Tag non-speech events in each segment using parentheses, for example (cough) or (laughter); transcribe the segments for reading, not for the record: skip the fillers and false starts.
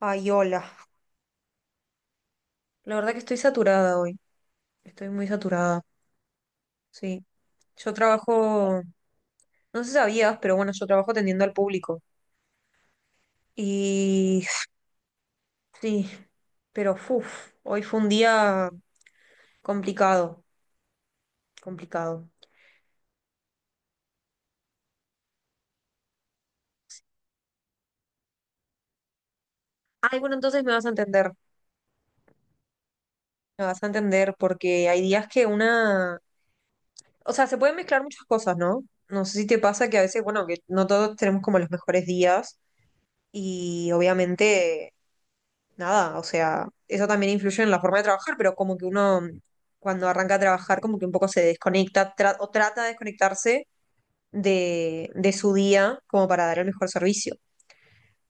Ay, hola. La verdad que estoy saturada hoy. Estoy muy saturada. Sí. Yo trabajo, no sé si sabías, pero bueno, yo trabajo atendiendo al público. Y (sighs) sí, pero uff, hoy fue un día complicado, complicado. Ay, bueno, entonces me vas a entender. Me vas a entender porque hay días que una, o sea, se pueden mezclar muchas cosas, ¿no? No sé si te pasa que a veces, bueno, que no todos tenemos como los mejores días y obviamente nada, o sea, eso también influye en la forma de trabajar, pero como que uno cuando arranca a trabajar como que un poco se desconecta o trata de desconectarse de, su día como para dar el mejor servicio.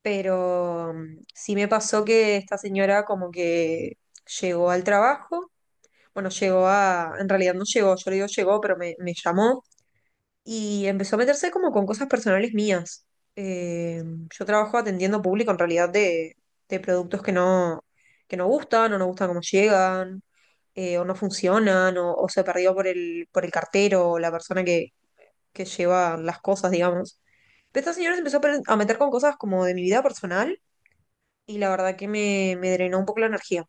Pero sí me pasó que esta señora como que llegó al trabajo, bueno, llegó a, en realidad no llegó, yo le digo llegó, pero me llamó y empezó a meterse como con cosas personales mías. Eh, yo trabajo atendiendo público en realidad de, productos que no gustan o no gustan cómo llegan o no funcionan o se perdió por el, cartero o la persona que lleva las cosas, digamos. Pero esta señora se empezó a a meter con cosas como de mi vida personal y la verdad que me drenó un poco la energía.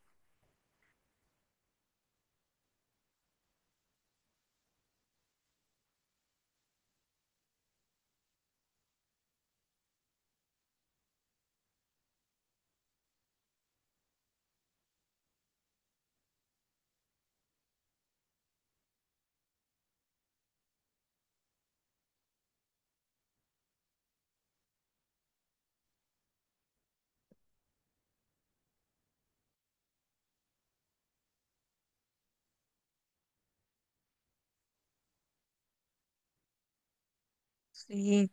Sí,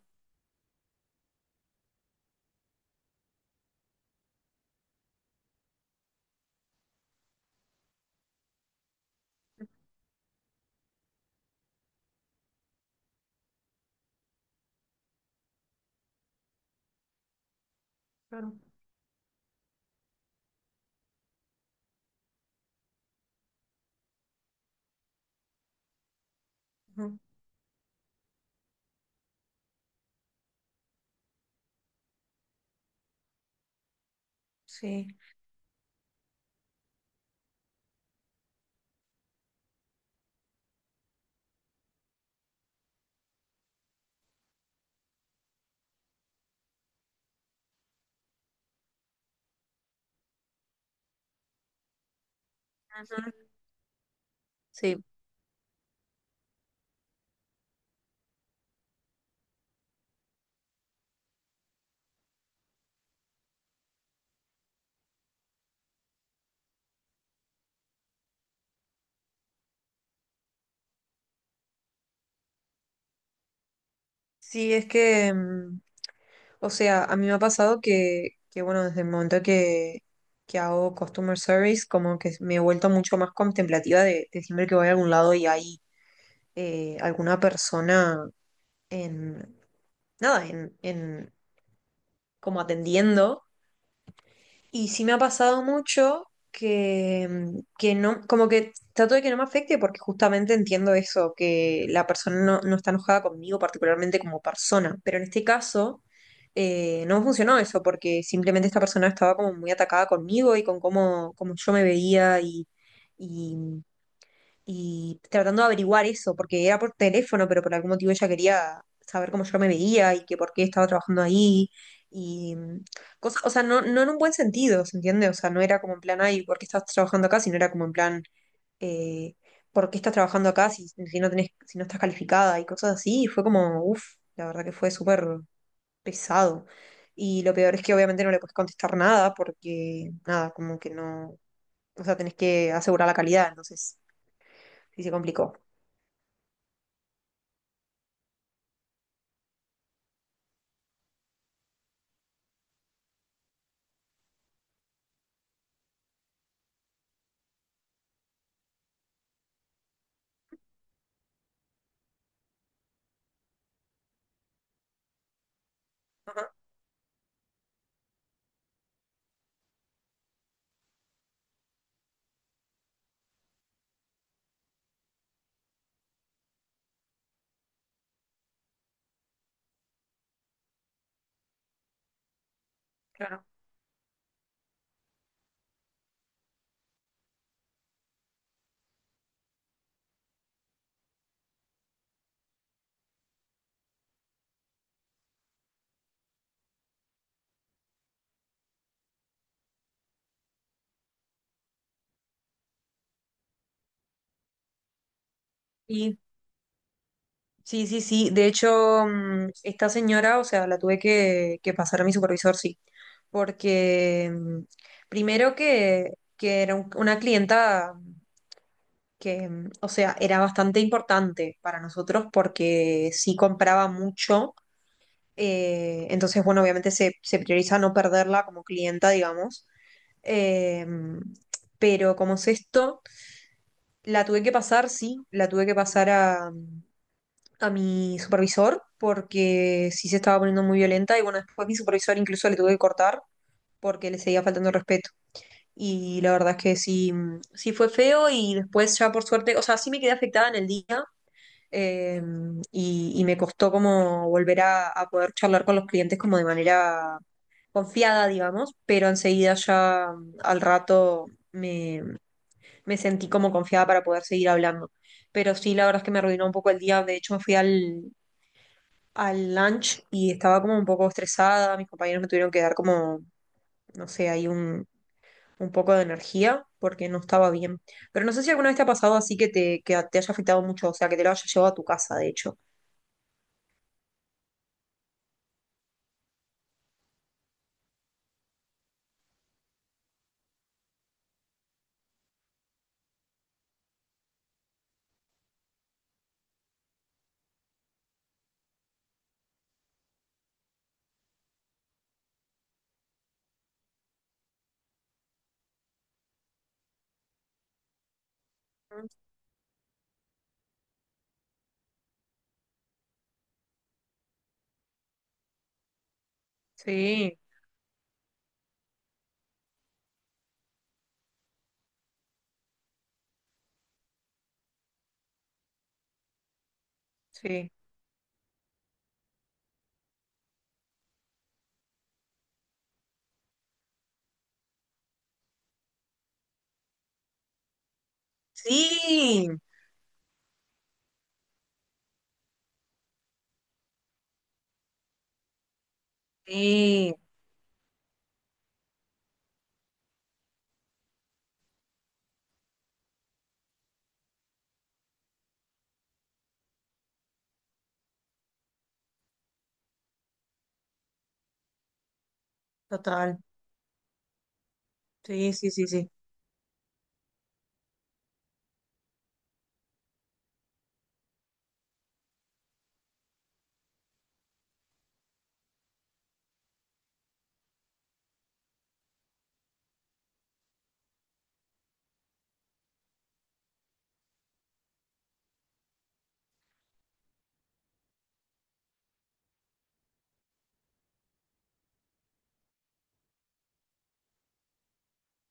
claro. Ujú, sí. Ujú. Sí, sí, es que o sea, a mí me ha pasado que bueno, desde el momento que, hago customer service, como que me he vuelto mucho más contemplativa de siempre que voy a algún lado y hay alguna persona en, nada, en como atendiendo. Y sí me ha pasado mucho que no, como que trato de que no me afecte porque justamente entiendo eso, que la persona no, no está enojada conmigo particularmente como persona. Pero en este caso no funcionó eso porque simplemente esta persona estaba como muy atacada conmigo y con cómo yo me veía y y tratando de averiguar eso, porque era por teléfono, pero por algún motivo ella quería saber cómo yo me veía y que por qué estaba trabajando ahí. Y cosas, o sea, no, no en un buen sentido, ¿se entiende? O sea, no era como en plan, ay, ¿por qué estás trabajando acá? Sino era como en plan, eh, ¿por qué estás trabajando acá si, si no tenés, si no estás calificada? Y cosas así. Y fue como, uff, la verdad que fue súper pesado. Y lo peor es que obviamente no le puedes contestar nada porque, nada, como que no, o sea, tenés que asegurar la calidad, entonces sí se complicó. Claro. Y sí, sí, sí. De hecho, esta señora, o sea, la tuve que, pasar a mi supervisor, sí. Porque primero que era una clienta que, o sea, era bastante importante para nosotros porque sí compraba mucho. Entonces, bueno, obviamente se, se prioriza no perderla como clienta, digamos. eh, pero como es esto, la tuve que pasar, sí, la tuve que pasar a mi supervisor porque sí se estaba poniendo muy violenta y bueno, después mi supervisor incluso le tuve que cortar porque le seguía faltando el respeto. Y la verdad es que sí, sí fue feo y después ya por suerte, o sea, sí me quedé afectada en el día eh, y me costó como volver a, poder charlar con los clientes como de manera confiada, digamos, pero enseguida ya al rato me, me sentí como confiada para poder seguir hablando. Pero sí, la verdad es que me arruinó un poco el día. De hecho, me fui al, lunch y estaba como un poco estresada, mis compañeros me tuvieron que dar como, no sé, ahí un, poco de energía porque no estaba bien. Pero no sé si alguna vez te ha pasado así que te haya afectado mucho, o sea, que te lo haya llevado a tu casa, de hecho. Sí, sí. Sí, sí, total. Sí, sí, sí, sí.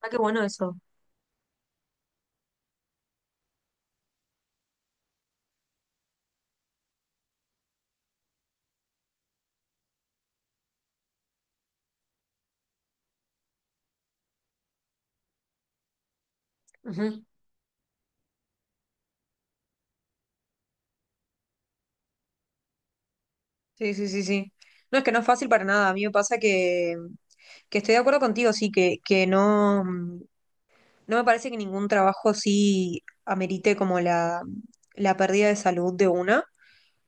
Ah, qué bueno eso. Ujú. Sí, sí, sí, sí. No, es que no es fácil para nada. A mí me pasa que, estoy de acuerdo contigo, sí, que no. No me parece que ningún trabajo así amerite como la pérdida de salud de una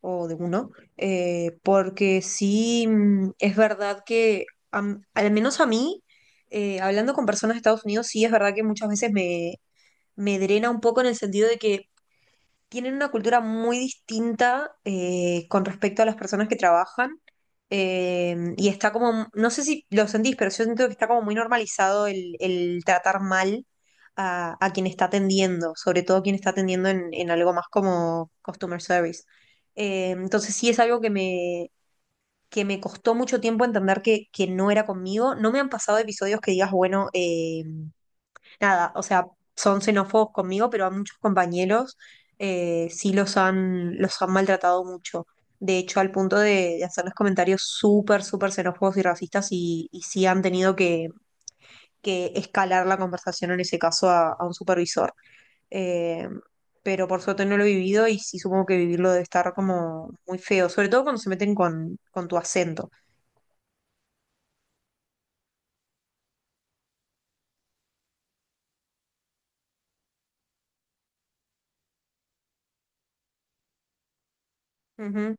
o de uno, porque sí es verdad que, al menos a mí, hablando con personas de Estados Unidos, sí es verdad que muchas veces me drena un poco en el sentido de que tienen una cultura muy distinta con respecto a las personas que trabajan. Y está como, no sé si lo sentís, pero yo siento que está como muy normalizado el, tratar mal a quien está atendiendo, sobre todo quien está atendiendo en algo más como customer service. Entonces sí es algo que me, costó mucho tiempo entender que no era conmigo. No me han pasado episodios que digas, bueno, nada, o sea, son xenófobos conmigo, pero a muchos compañeros sí los han, maltratado mucho. De hecho, al punto de hacerles comentarios súper, súper xenófobos y racistas y sí han tenido que, escalar la conversación en ese caso a un supervisor. Eh, pero por suerte no lo he vivido y sí supongo que vivirlo debe estar como muy feo, sobre todo cuando se meten con tu acento. Ujú,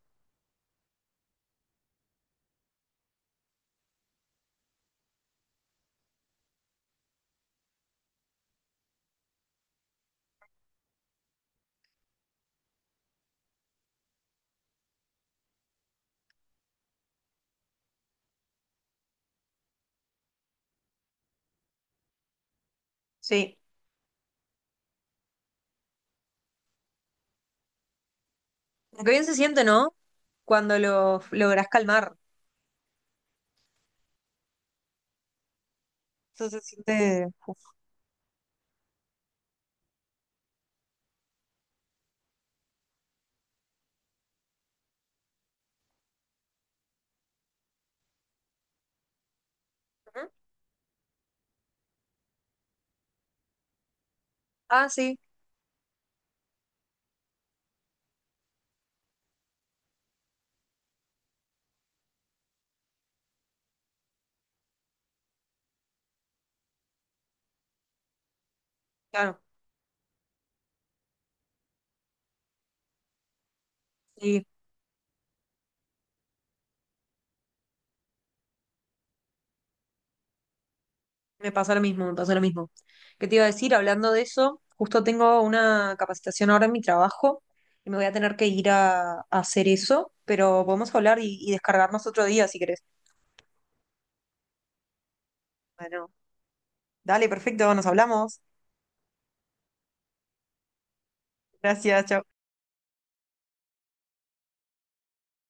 sí. Aunque bien se siente, ¿no? Cuando lo logras calmar. Eso se siente. ¿Mm? Ah, sí, claro, sí, me pasa lo mismo, me pasa lo mismo. ¿Qué te iba a decir? Hablando de eso, justo tengo una capacitación ahora en mi trabajo y me voy a tener que ir a, hacer eso, pero podemos hablar y descargarnos otro día si querés. Bueno, dale, perfecto, nos hablamos. Gracias, chao.